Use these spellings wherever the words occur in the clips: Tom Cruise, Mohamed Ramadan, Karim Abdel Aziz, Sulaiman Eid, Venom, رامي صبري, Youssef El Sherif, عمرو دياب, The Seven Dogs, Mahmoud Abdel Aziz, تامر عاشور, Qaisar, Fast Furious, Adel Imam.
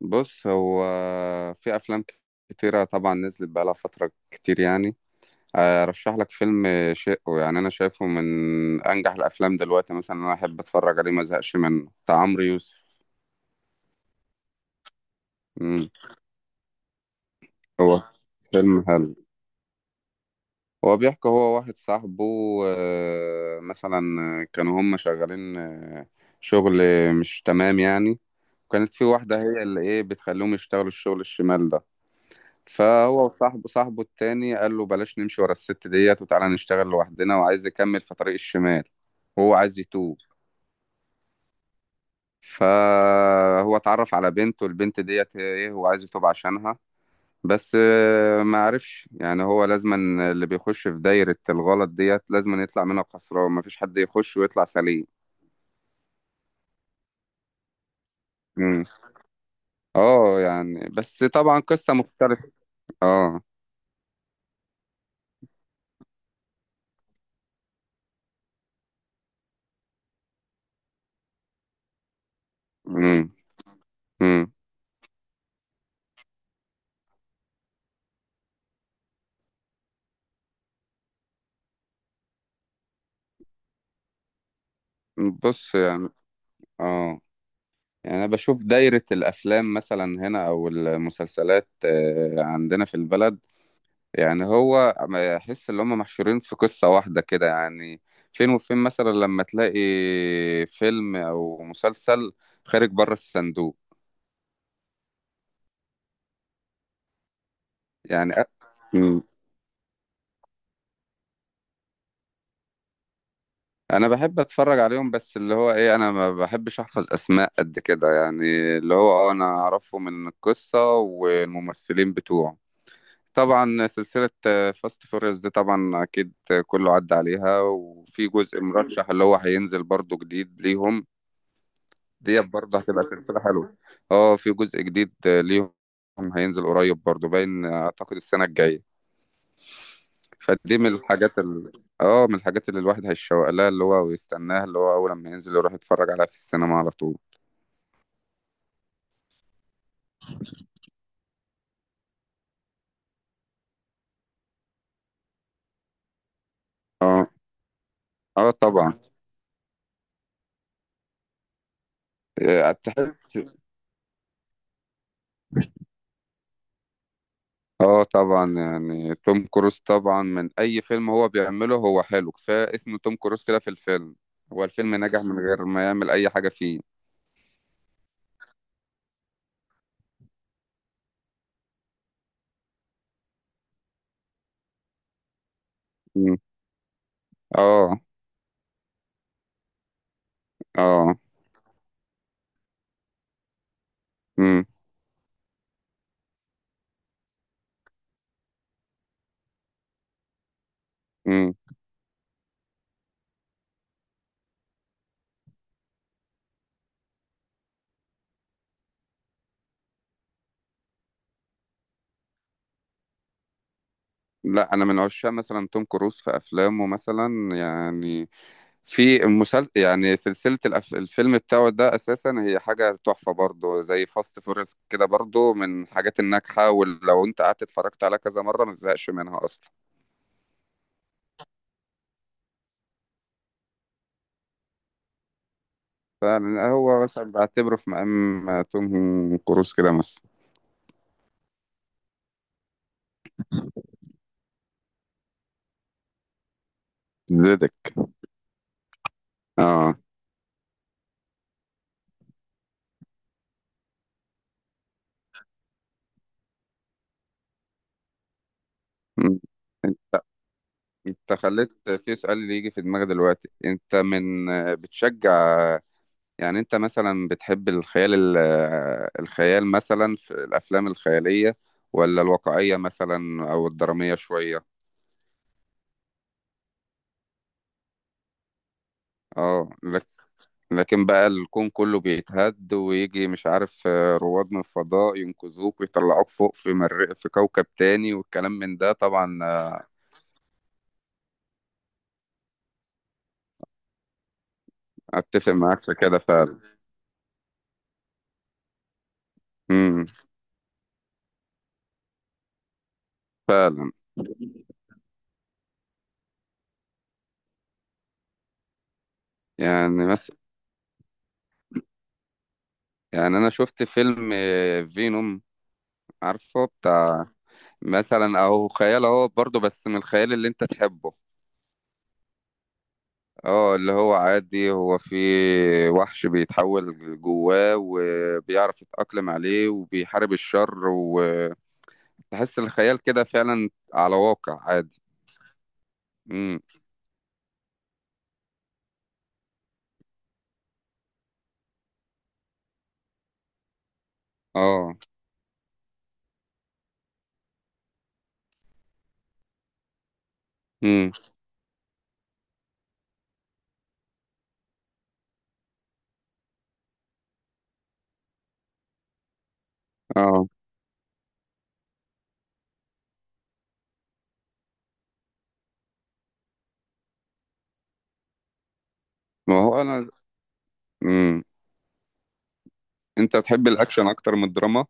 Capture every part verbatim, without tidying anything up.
بص هو في افلام كتيره طبعا نزلت بقالها فتره كتير يعني. ارشح لك فيلم شقه، يعني انا شايفه من انجح الافلام دلوقتي، مثلا انا احب اتفرج عليه ما ازهقش منه، بتاع عمرو يوسف. امم هو فيلم حلو. هو بيحكي، هو واحد صاحبه، آه، مثلا كانوا هم شغالين، آه، شغل مش تمام يعني. وكانت في واحده هي اللي ايه بتخليهم يشتغلوا الشغل الشمال ده. فهو وصاحبه صاحبه التاني قال له بلاش نمشي ورا الست ديت وتعالى نشتغل لوحدنا، وعايز يكمل في طريق الشمال، وهو عايز يتوب. فهو اتعرف على بنت، والبنت ديت ايه، هو عايز يتوب عشانها. بس آه، ما عرفش، يعني هو لازما اللي بيخش في دايرة الغلط ديت لازما يطلع منها خسران، مفيش حد يخش ويطلع سليم. مم. اه، يعني بس طبعا قصة مختلفة. اه. مم. مم. بص يعني، اه، يعني أنا بشوف دايرة الأفلام مثلا هنا أو المسلسلات آه، عندنا في البلد، يعني هو ما يحس إن هم محشورين في قصة واحدة كده يعني. فين وفين مثلا لما تلاقي فيلم أو مسلسل خارج بره الصندوق. يعني أ- مم. أنا بحب أتفرج عليهم، بس اللي هو إيه، أنا ما بحبش أحفظ أسماء قد كده يعني، اللي هو أه أنا أعرفه من القصة والممثلين بتوعه. طبعا سلسلة فاست فوريوس دي طبعا أكيد، كله عدى عليها، وفي جزء مرشح اللي هو هينزل برضو جديد ليهم. ديت برضه هتبقى سلسلة حلوة. اه في جزء جديد ليهم هينزل قريب برضو، باين أعتقد السنة الجاية. فدي من الحاجات ال... اه من الحاجات اللي الواحد هيشوق لها اللي هو ويستناها، اللي هو أول ما ينزل يروح يتفرج عليها في السينما على طول. اه. اه طبعا. آه، تحس. اه طبعا، يعني توم كروز طبعا من اي فيلم هو بيعمله هو حلو، كفايه اسم توم كروز كده في الفيلم. هو الفيلم نجح من غير ما يعمل اي حاجه فيه. مم. اه. اه. مم. مم. لا انا من عشاق مثلا توم كروز في افلامه مثلا، يعني في المسلسل، يعني سلسله الأف... الفيلم بتاعه ده اساسا هي حاجه تحفه برضه زي فاست فورس كده، برضه من الحاجات الناجحه، ولو انت قعدت اتفرجت عليها كذا مره ما تزهقش منها اصلا. فعلا هو بس بعتبره في مقام توم كروز كده مثلا. زدك. اه. م. انت خليت في سؤال اللي يجي في دماغي دلوقتي، انت من بتشجع، يعني انت مثلا بتحب الخيال ال- الخيال مثلا في الافلام الخيالية، ولا الواقعية مثلا او الدرامية شوية؟ اه لك- لكن بقى الكون كله بيتهد ويجي مش عارف آه، رواد من الفضاء ينقذوك ويطلعوك فوق في مر... في كوكب تاني والكلام من ده طبعا. اتفق معاك في كده فعلا. امم فعلا، يعني مثلا، يعني انا شفت فيلم آه، فينوم، عارفه بتاع، مثلا او خيال اهو برضه بس من الخيال اللي انت تحبه. اه، اللي هو عادي، هو في وحش بيتحول جواه وبيعرف يتأقلم عليه وبيحارب الشر، وتحس الخيال كده فعلا على واقع عادي. امم اه. امم اه. ما هو انا امم انت تحب الاكشن اكتر من الدراما؟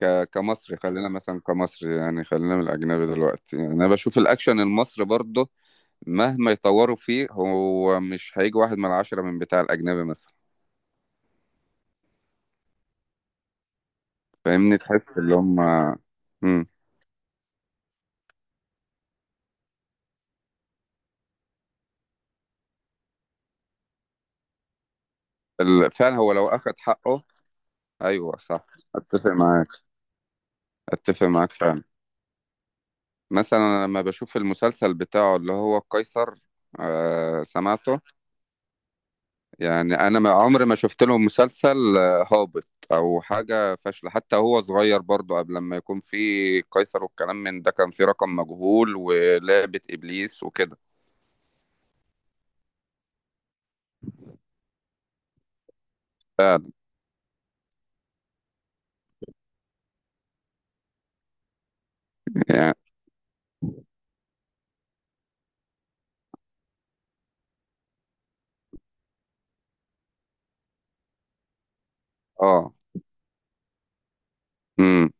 ك... كمصري خلينا مثلا، كمصري يعني، خلينا من الأجنبي دلوقتي، يعني أنا بشوف الأكشن المصري برضه مهما يطوروا فيه هو مش هيجي واحد من العشرة من بتاع الأجنبي مثلا. فاهمني، تحس اللي هم. مم. ال- فعلا هو لو أخد حقه. أيوه صح، أتفق معاك، أتفق معاك فعلا. مثلا أنا لما بشوف المسلسل بتاعه اللي هو قيصر. آه سمعته. يعني انا ما عمري ما شفت لهم مسلسل آه، هابط او حاجه فاشله، حتى هو صغير برضو قبل لما يكون في قيصر والكلام من ده كان في رقم مجهول ولعبه ابليس وكده. فعلا. يعني اه. امم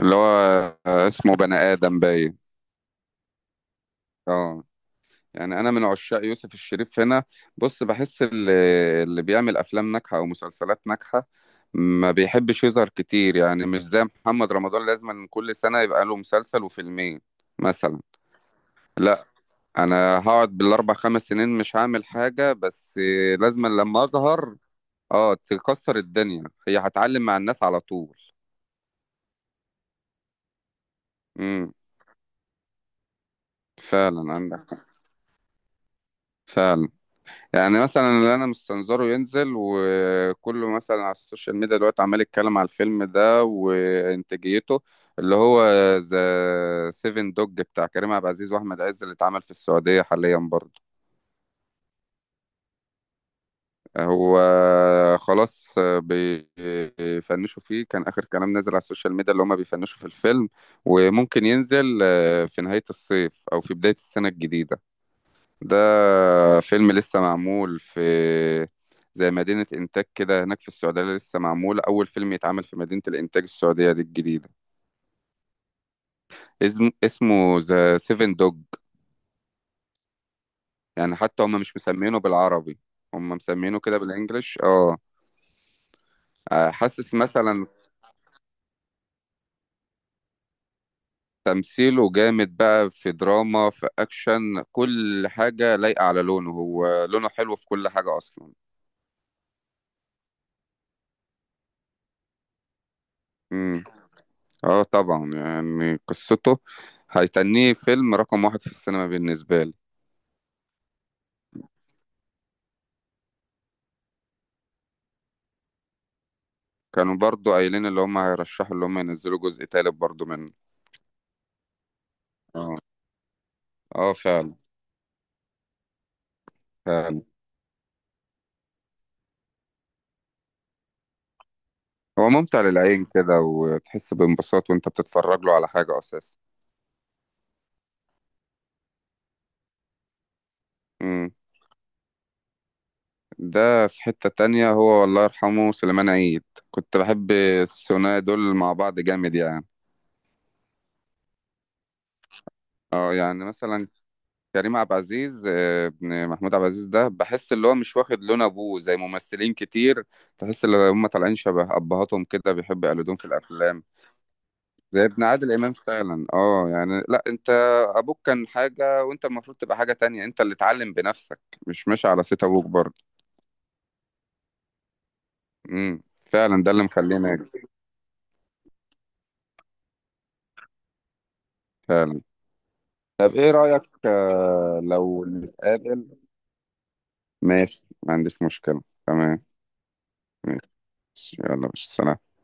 اللي هو آه، اسمه بني ادم باين. اه، يعني انا من عشاق يوسف الشريف هنا. بص بحس اللي, اللي بيعمل افلام ناجحه او مسلسلات ناجحه ما بيحبش يظهر كتير، يعني مش زي محمد رمضان لازم كل سنه يبقى له مسلسل وفيلمين مثلا. لا، انا هقعد بالاربع خمس سنين مش هعمل حاجه، بس لازم لما اظهر اه تكسر الدنيا، هي هتعلم مع الناس على طول. امم فعلا عندك حق. فعلا، يعني مثلا اللي انا مستنظره ينزل وكله مثلا على السوشيال ميديا دلوقتي عمال يتكلم على الفيلم ده وانتاجيته، اللي هو ذا سيفن دوج بتاع كريم عبد العزيز واحمد عز اللي اتعمل في السعوديه حاليا برضه. هو خلاص بيفنشوا فيه، كان آخر كلام نزل على السوشيال ميديا اللي هما بيفنشوا في الفيلم، وممكن ينزل في نهاية الصيف أو في بداية السنة الجديدة. ده فيلم لسه معمول في زي مدينة إنتاج كده هناك في السعودية، لسه معمول أول فيلم يتعمل في مدينة الإنتاج السعودية دي الجديدة. اسم اسمه ذا سيفن دوج، يعني حتى هما مش مسمينه بالعربي، هما مسمينه كده بالإنجلش اه. حاسس مثلا، تمثيله جامد بقى في دراما في أكشن، كل حاجة لايقة على لونه، هو لونه حلو في كل حاجة أصلا. امم اه طبعا، يعني قصته، هيتنيه فيلم رقم واحد في السينما بالنسبة لي. كانوا برضو قايلين اللي هم هيرشحوا اللي هم ينزلوا جزء تالت برضو منه. اه. اه فعلا. فعلا، هو ممتع للعين كده وتحس بانبساط وانت بتتفرج له على حاجة أساسا. ده في حتة تانية هو، والله يرحمه سليمان عيد، كنت بحب الثنائي دول مع بعض جامد يعني. اه، يعني مثلا كريم عبد العزيز آه، ابن محمود عبد العزيز ده بحس اللي هو مش واخد لون ابوه زي ممثلين كتير، تحس ان هم طالعين شبه ابهاتهم كده بيحبوا يقلدون في الافلام. زي ابن عادل امام فعلا اه، يعني لا انت ابوك كان حاجة وانت المفروض تبقى حاجة تانية، انت اللي اتعلم بنفسك مش ماشي على صيت ابوك برضه. امم فعلا ده اللي مخلينا فعلا. طب ايه رأيك آه، لو نتقابل؟ ماشي ما عنديش مشكلة تمام. ماشي يلا، مش سلام.